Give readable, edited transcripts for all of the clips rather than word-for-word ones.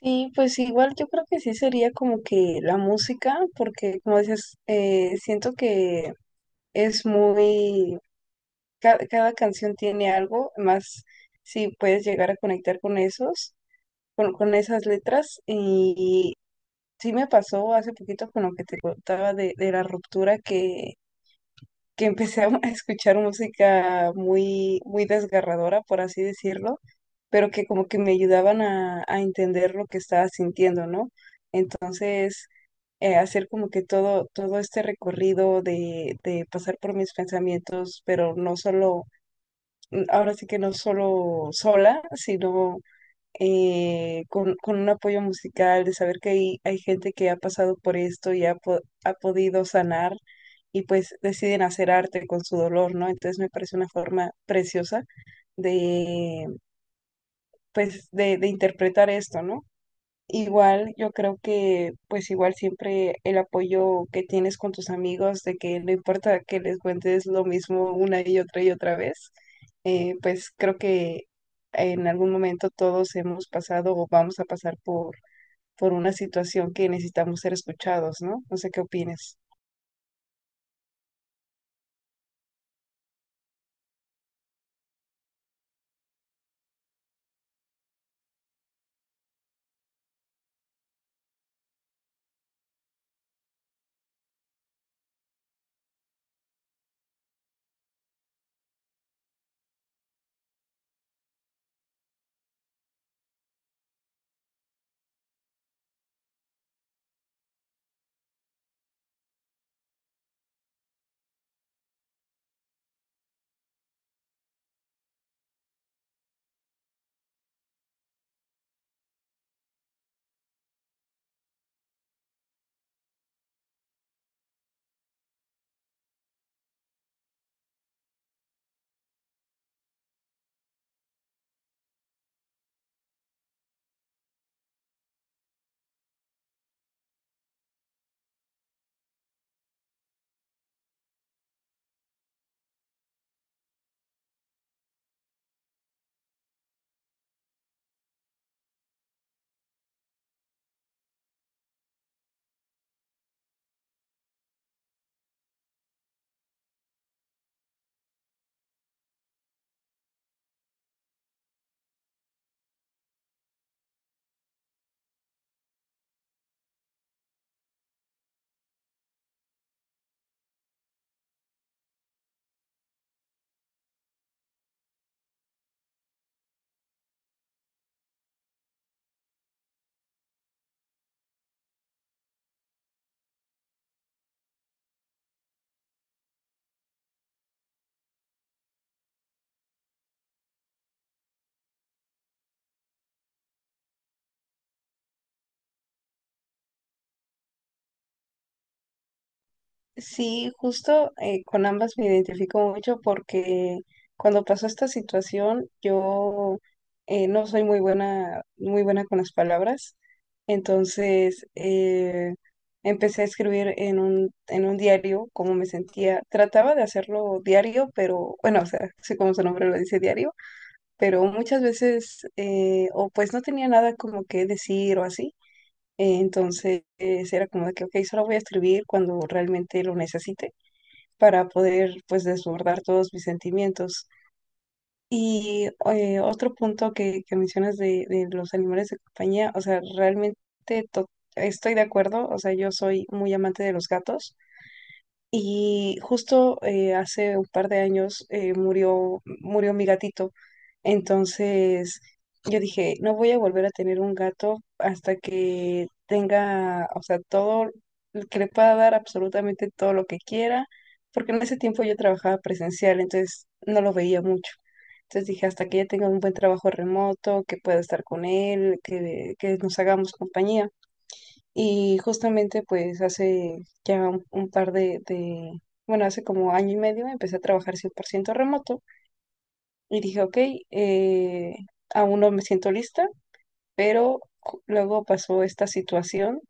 Sí, pues igual yo creo que sí sería como que la música, porque como dices, siento que es muy, cada canción tiene algo, más si puedes llegar a conectar con esos, con esas letras. Y sí me pasó hace poquito con lo que te contaba de la ruptura que empecé a escuchar música muy, muy desgarradora, por así decirlo, pero que como que me ayudaban a entender lo que estaba sintiendo, ¿no? Entonces, hacer como que todo este recorrido de pasar por mis pensamientos, pero no solo, ahora sí que no solo sola, sino con un apoyo musical, de saber que hay gente que ha pasado por esto y ha podido sanar y pues deciden hacer arte con su dolor, ¿no? Entonces me parece una forma preciosa de, pues, de interpretar esto, ¿no? Igual, yo creo que pues igual siempre el apoyo que tienes con tus amigos, de que no importa que les cuentes lo mismo una y otra vez, pues creo que en algún momento todos hemos pasado o vamos a pasar por una situación que necesitamos ser escuchados, ¿no? No sé qué opinas. Sí, justo con ambas me identifico mucho porque cuando pasó esta situación yo no soy muy buena con las palabras, entonces empecé a escribir en un diario cómo me sentía. Trataba de hacerlo diario, pero bueno, o sea, sí como su nombre lo dice diario, pero muchas veces o pues no tenía nada como que decir o así, entonces era como de que, ok, solo voy a escribir cuando realmente lo necesite para poder pues desbordar todos mis sentimientos. Y otro punto que mencionas de los animales de compañía, o sea, realmente to- estoy de acuerdo, o sea, yo soy muy amante de los gatos y justo hace un par de años murió mi gatito. Entonces yo dije, no voy a volver a tener un gato hasta que tenga, o sea, todo, que le pueda dar absolutamente todo lo que quiera, porque en ese tiempo yo trabajaba presencial, entonces no lo veía mucho. Entonces dije, hasta que ella tenga un buen trabajo remoto, que pueda estar con él, que nos hagamos compañía. Y justamente pues hace ya un par bueno, hace como año y medio empecé a trabajar 100% remoto y dije, ok, eh, aún no me siento lista, pero luego pasó esta situación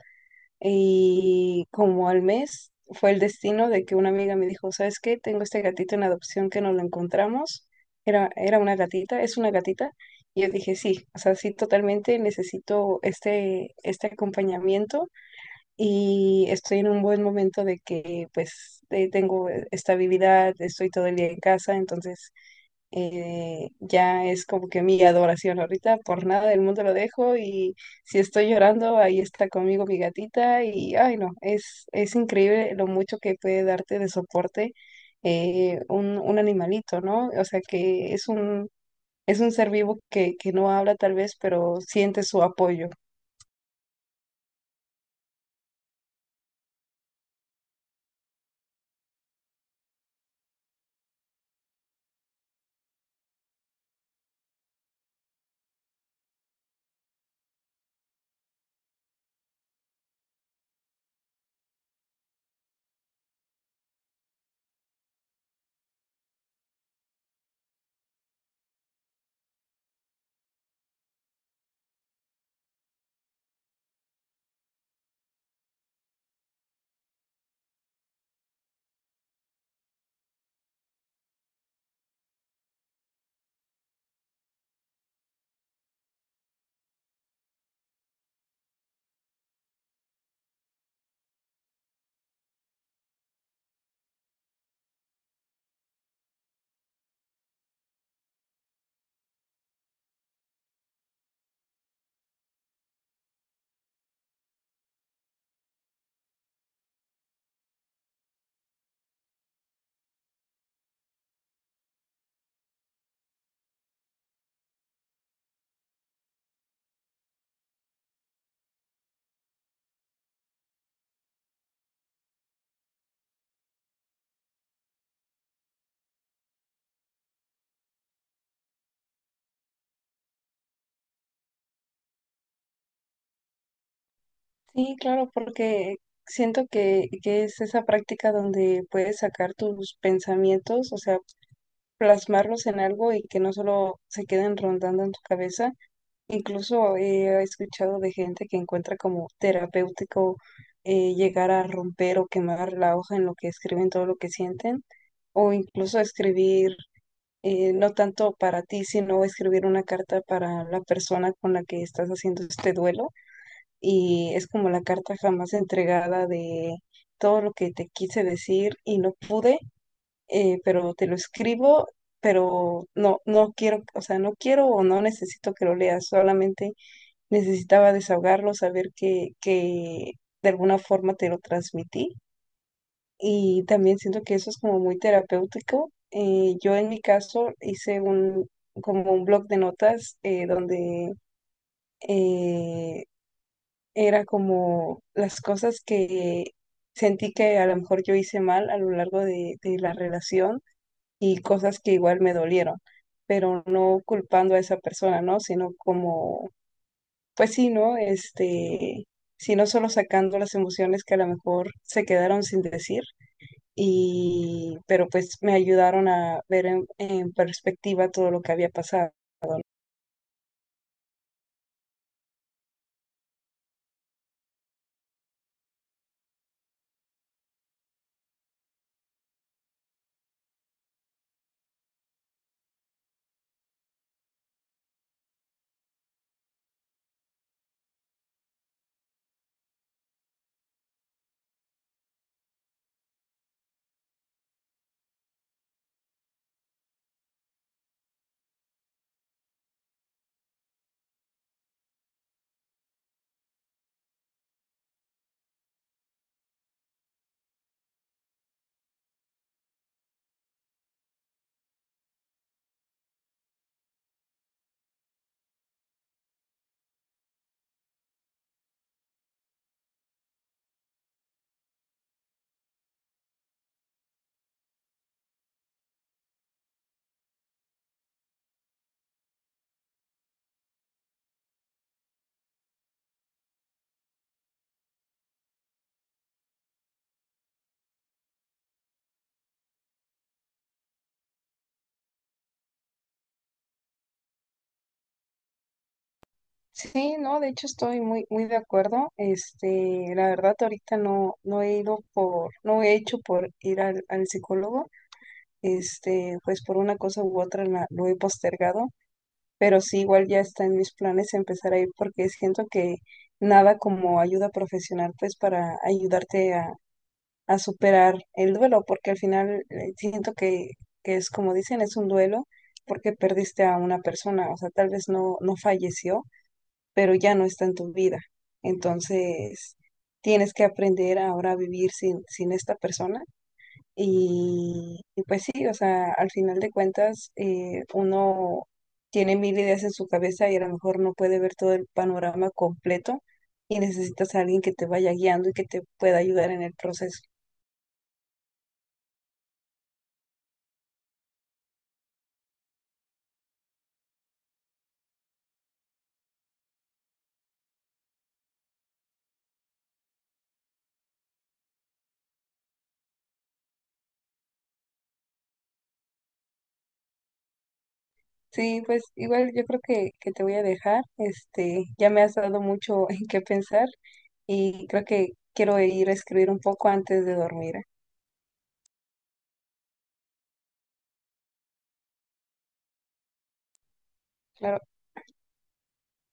y como al mes fue el destino de que una amiga me dijo, ¿sabes qué? Tengo este gatito en adopción que no lo encontramos. Era, era una gatita, es una gatita. Y yo dije, sí, o sea, sí, totalmente necesito este, este acompañamiento y estoy en un buen momento de que pues tengo estabilidad, estoy todo el día en casa, entonces ya es como que mi adoración ahorita, por nada del mundo lo dejo y si estoy llorando, ahí está conmigo mi gatita y ay no, es increíble lo mucho que puede darte de soporte un animalito, ¿no? O sea que es un... Es un ser vivo que no habla tal vez, pero siente su apoyo. Sí, claro, porque siento que es esa práctica donde puedes sacar tus pensamientos, o sea, plasmarlos en algo y que no solo se queden rondando en tu cabeza. Incluso he escuchado de gente que encuentra como terapéutico llegar a romper o quemar la hoja en lo que escriben, todo lo que sienten, o incluso escribir, no tanto para ti, sino escribir una carta para la persona con la que estás haciendo este duelo y es como la carta jamás entregada de todo lo que te quise decir y no pude, pero te lo escribo, pero no, no quiero, o sea, no quiero o no necesito que lo leas, solamente necesitaba desahogarlo, saber que de alguna forma te lo transmití y también siento que eso es como muy terapéutico. Yo en mi caso hice como un blog de notas donde... eh, era como las cosas que sentí que a lo mejor yo hice mal a lo largo de la relación y cosas que igual me dolieron, pero no culpando a esa persona, ¿no? Sino como, pues sí, ¿no? Este, sino solo sacando las emociones que a lo mejor se quedaron sin decir. Y, pero pues me ayudaron a ver en perspectiva todo lo que había pasado. Sí, no, de hecho estoy muy, muy de acuerdo. Este, la verdad ahorita no he ido no he hecho por ir al, al psicólogo. Este, pues por una cosa u otra lo he postergado, pero sí igual ya está en mis planes empezar a ir porque siento que nada como ayuda profesional pues para ayudarte a superar el duelo, porque al final siento que es como dicen, es un duelo porque perdiste a una persona, o sea, tal vez no, no falleció pero ya no está en tu vida. Entonces, tienes que aprender ahora a vivir sin esta persona. Y pues sí, o sea, al final de cuentas, uno tiene mil ideas en su cabeza y a lo mejor no puede ver todo el panorama completo y necesitas a alguien que te vaya guiando y que te pueda ayudar en el proceso. Sí, pues igual yo creo que te voy a dejar. Este, ya me has dado mucho en qué pensar y creo que quiero ir a escribir un poco antes de dormir. ¿Eh? Claro.